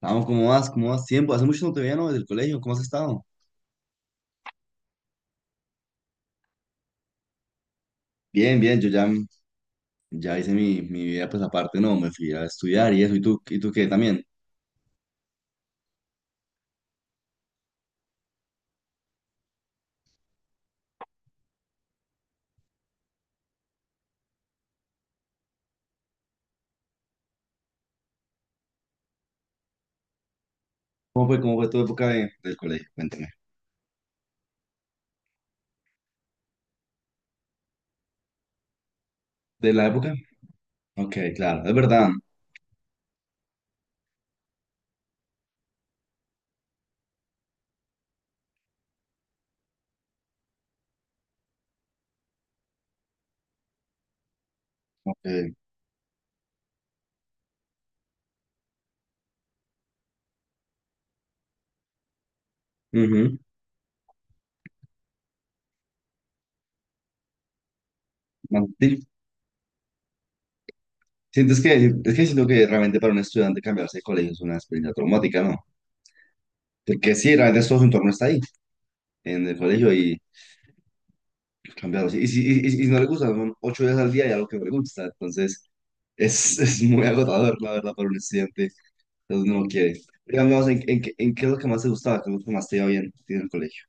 Vamos, ¿cómo vas? ¿Cómo vas? Tiempo, hace mucho no te veía, ¿no? Desde el colegio, ¿cómo has estado? Bien, bien, yo ya hice mi vida, pues aparte, no, me fui a estudiar y eso, ¿y tú qué también? ¿Cómo fue tu época del colegio? Cuéntame. ¿De la época? Ok, claro, es verdad. Ok. Ujú. No, sí. Sientes que, es que siento que realmente para un estudiante cambiarse de colegio es una experiencia traumática, ¿no? Porque sí, realmente todo su entorno está ahí, en el colegio y cambiarlo. Y si no le gusta, son 8 días al día y algo que no le gusta, entonces... Es, es muy agotador, la verdad, para un estudiante. Entonces no quieres. Digamos, ¿en qué es lo que más te gustaba? ¿Qué es lo que más te iba bien a ti en el colegio?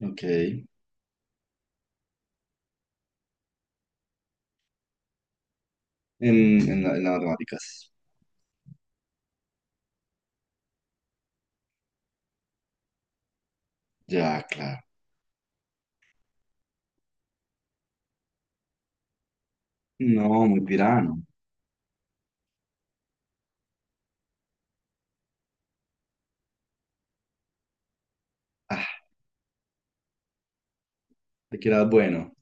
Ok. En las matemáticas. Ya, claro. No, muy pirano. Ah, de que era bueno.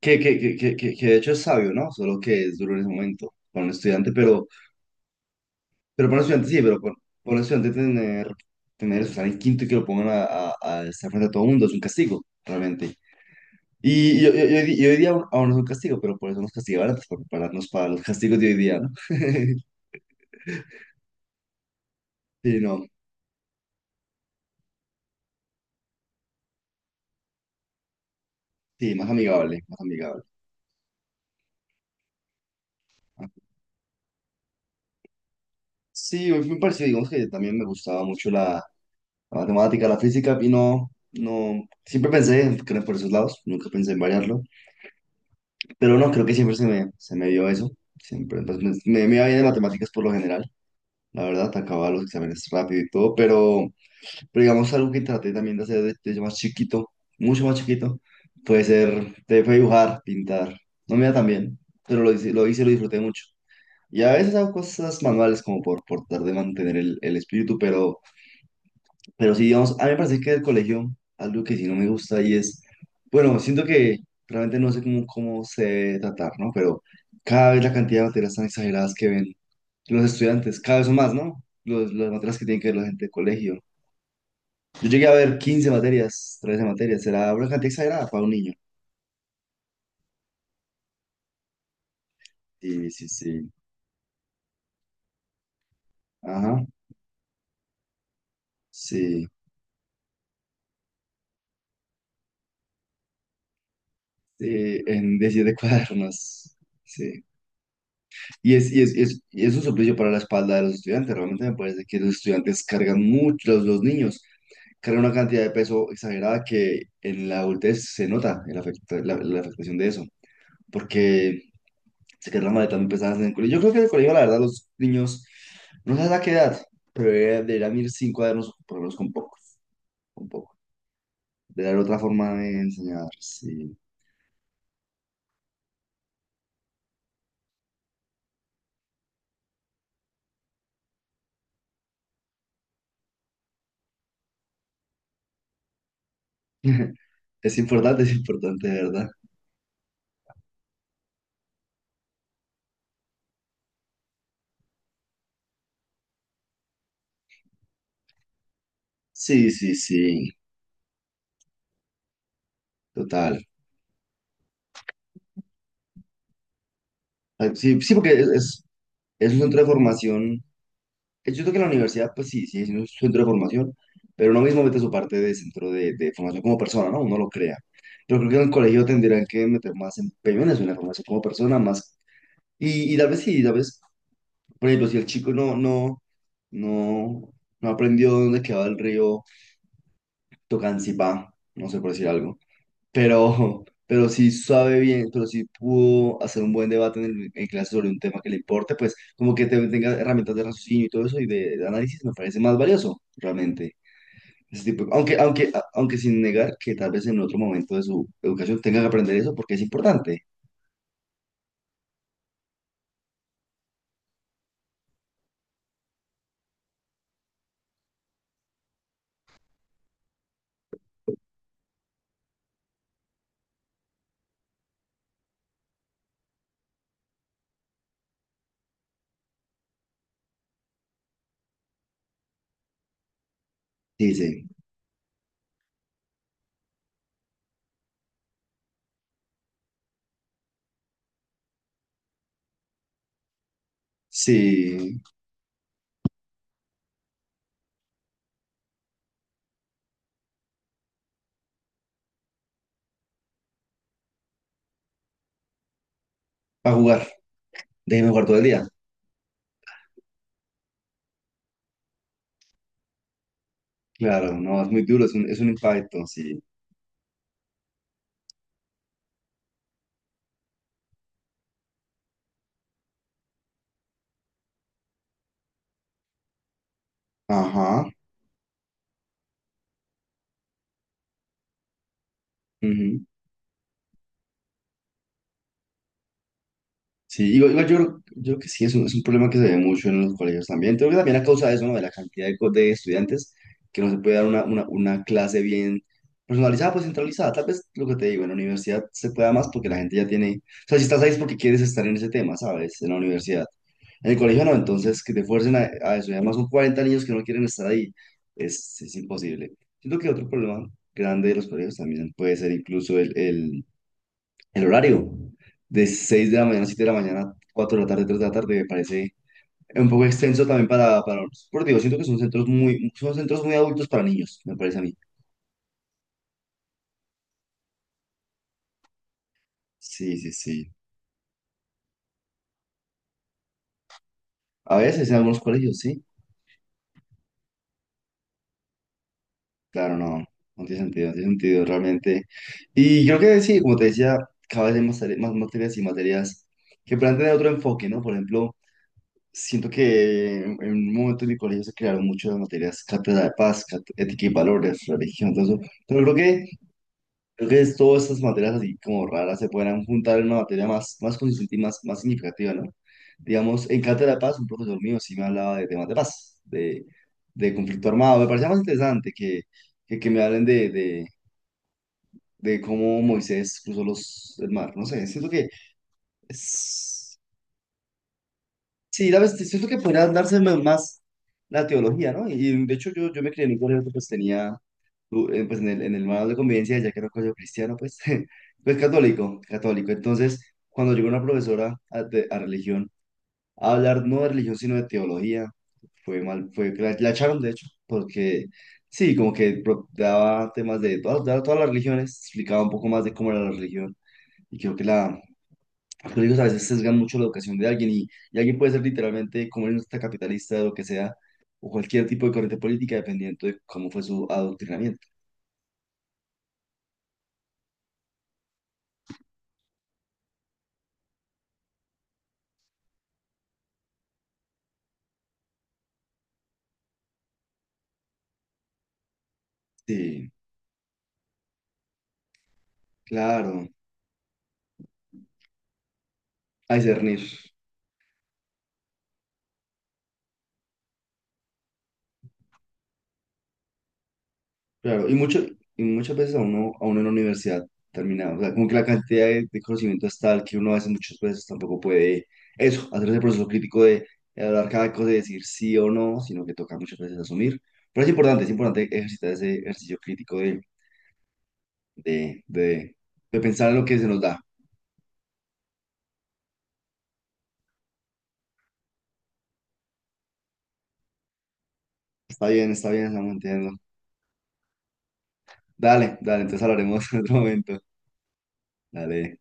Que de hecho es sabio, ¿no? Solo que es duro en ese momento para un estudiante, pero para un estudiante sí, pero para un estudiante tener eso, estar en quinto y que lo pongan a estar frente a todo el mundo es un castigo, realmente. Y, y- y- y hoy día aún no es un castigo, pero por eso nos castigaban antes, por prepararnos para los castigos de hoy día, ¿no? Sí, no, sí, más amigable, más amigable. Sí, me pareció, digamos que también me gustaba mucho la matemática, la física, y no, siempre pensé que era por esos lados, nunca pensé en variarlo. Pero no, creo que siempre se me dio eso. Siempre, pues, me iba bien en matemáticas por lo general. La verdad, acababa los exámenes rápido y todo. Pero digamos, algo que traté también de hacer desde más chiquito, mucho más chiquito, puede ser, te fue dibujar, pintar. No me iba tan bien, pero lo hice y lo disfruté mucho. Y a veces hago cosas manuales como por tratar de mantener el espíritu, pero sí, digamos, a mí me parece que del colegio algo que sí no me gusta y es, bueno, siento que realmente no sé cómo se debe tratar, ¿no? Pero cada vez la cantidad de materias tan exageradas que ven los estudiantes, cada vez son más, ¿no? Las materias que tienen que ver la gente de colegio. Yo llegué a ver 15 materias, 13 materias, era una cantidad exagerada para un niño. Sí, sí, sí. Ajá, sí. Sí, en 17 cuadernos. Sí. Y es un suplicio para la espalda de los estudiantes. Realmente me parece que los estudiantes cargan mucho, los niños cargan una cantidad de peso exagerada que en la adultez se nota la afectación de eso, porque se quedan las maletas muy pesadas en el colegio. Yo creo que en el colegio, la verdad, los niños, no sé a qué edad, pero deberían ir sin cuadernos, por lo menos con pocos, con poco. Debe haber otra forma de enseñar, sí. Es importante, de verdad. Sí, sí, sí, total. Ah, sí, sí, porque es un centro de formación. Yo creo que la universidad, pues sí, sí, es un centro de formación, pero uno mismo mete su parte de centro de formación como persona, ¿no? Uno lo crea. Pero creo que en el colegio tendrían que meter más empeño en eso, en la formación como persona, más. Y tal vez sí, tal vez, por ejemplo, si el chico no, no aprendió dónde quedaba el río Tocancipá, no sé por decir algo, pero si sabe bien, pero si pudo hacer un buen debate en clase sobre un tema que le importe, pues como que tenga herramientas de raciocinio y todo eso y de análisis me parece más valioso, realmente. Ese tipo, aunque sin negar que tal vez en otro momento de su educación tenga que aprender eso porque es importante. Sí sí, sí, a jugar, déjeme jugar todo el día. Claro, no, es muy duro, es un impacto, sí. Ajá. Ujú. Sí, igual, igual yo creo que sí, es un problema que se ve mucho en los colegios también. Creo que también a causa de eso, ¿no? De la cantidad de estudiantes, que no se puede dar una clase bien personalizada, pues centralizada. Tal vez lo que te digo, en la universidad se pueda más porque la gente ya tiene. O sea, si estás ahí es porque quieres estar en ese tema, ¿sabes? En la universidad. En el colegio no, entonces que te fuercen a eso. Y además son 40 niños que no quieren estar ahí. Es imposible. Siento que otro problema grande de los colegios también puede ser incluso el horario de 6 de la mañana, 7 de la mañana, 4 de la tarde, 3 de la tarde, me parece un poco extenso también para, porque digo, siento que son centros muy adultos para niños, me parece a mí. Sí, sí, sí. A veces en algunos colegios, sí. Claro, no, no tiene sentido, no tiene sentido realmente. Y creo que sí, como te decía, cada vez hay más materias y materias que plantean otro enfoque, ¿no? Por ejemplo, siento que en un momento en mi colegio se crearon muchas materias, cátedra de paz, ética y valores, religión, todo eso. Pero creo que todas estas materias así como raras se podrán juntar en una materia más, más consistente y más, más significativa, ¿no? Digamos, en Cátedra de Paz, un profesor mío sí me hablaba de temas de paz, de conflicto armado. Me parecía más interesante que me hablen de cómo Moisés cruzó el mar. No sé, siento que es- Sí, la verdad, siento que podría darse más la teología, ¿no? Y de hecho yo me crié en un colegio que pues tenía, pues en el manual de convivencia, ya que era un colegio cristiano, pues, pues católico, católico. Entonces, cuando llegó una profesora a religión a hablar no de religión, sino de teología, fue mal, la echaron de hecho, porque sí, como que daba todas las religiones, explicaba un poco más de cómo era la religión. Y creo que los hijos a veces sesgan mucho la educación de alguien y alguien puede ser literalmente comunista, capitalista, lo que sea, o cualquier tipo de corriente política, dependiendo de cómo fue su adoctrinamiento. Sí, claro, a discernir, claro. Y muchas veces a uno, en la universidad terminado, o sea, como que la cantidad de conocimiento es tal que uno a veces muchas veces tampoco puede eso, hacer ese proceso crítico de hablar cada cosa, de decir sí o no, sino que toca muchas veces asumir. Pero es importante ejercitar ese ejercicio crítico de, de, de pensar en lo que se nos da. Está bien, estamos entiendo. Dale, dale, entonces hablaremos en otro momento. Dale.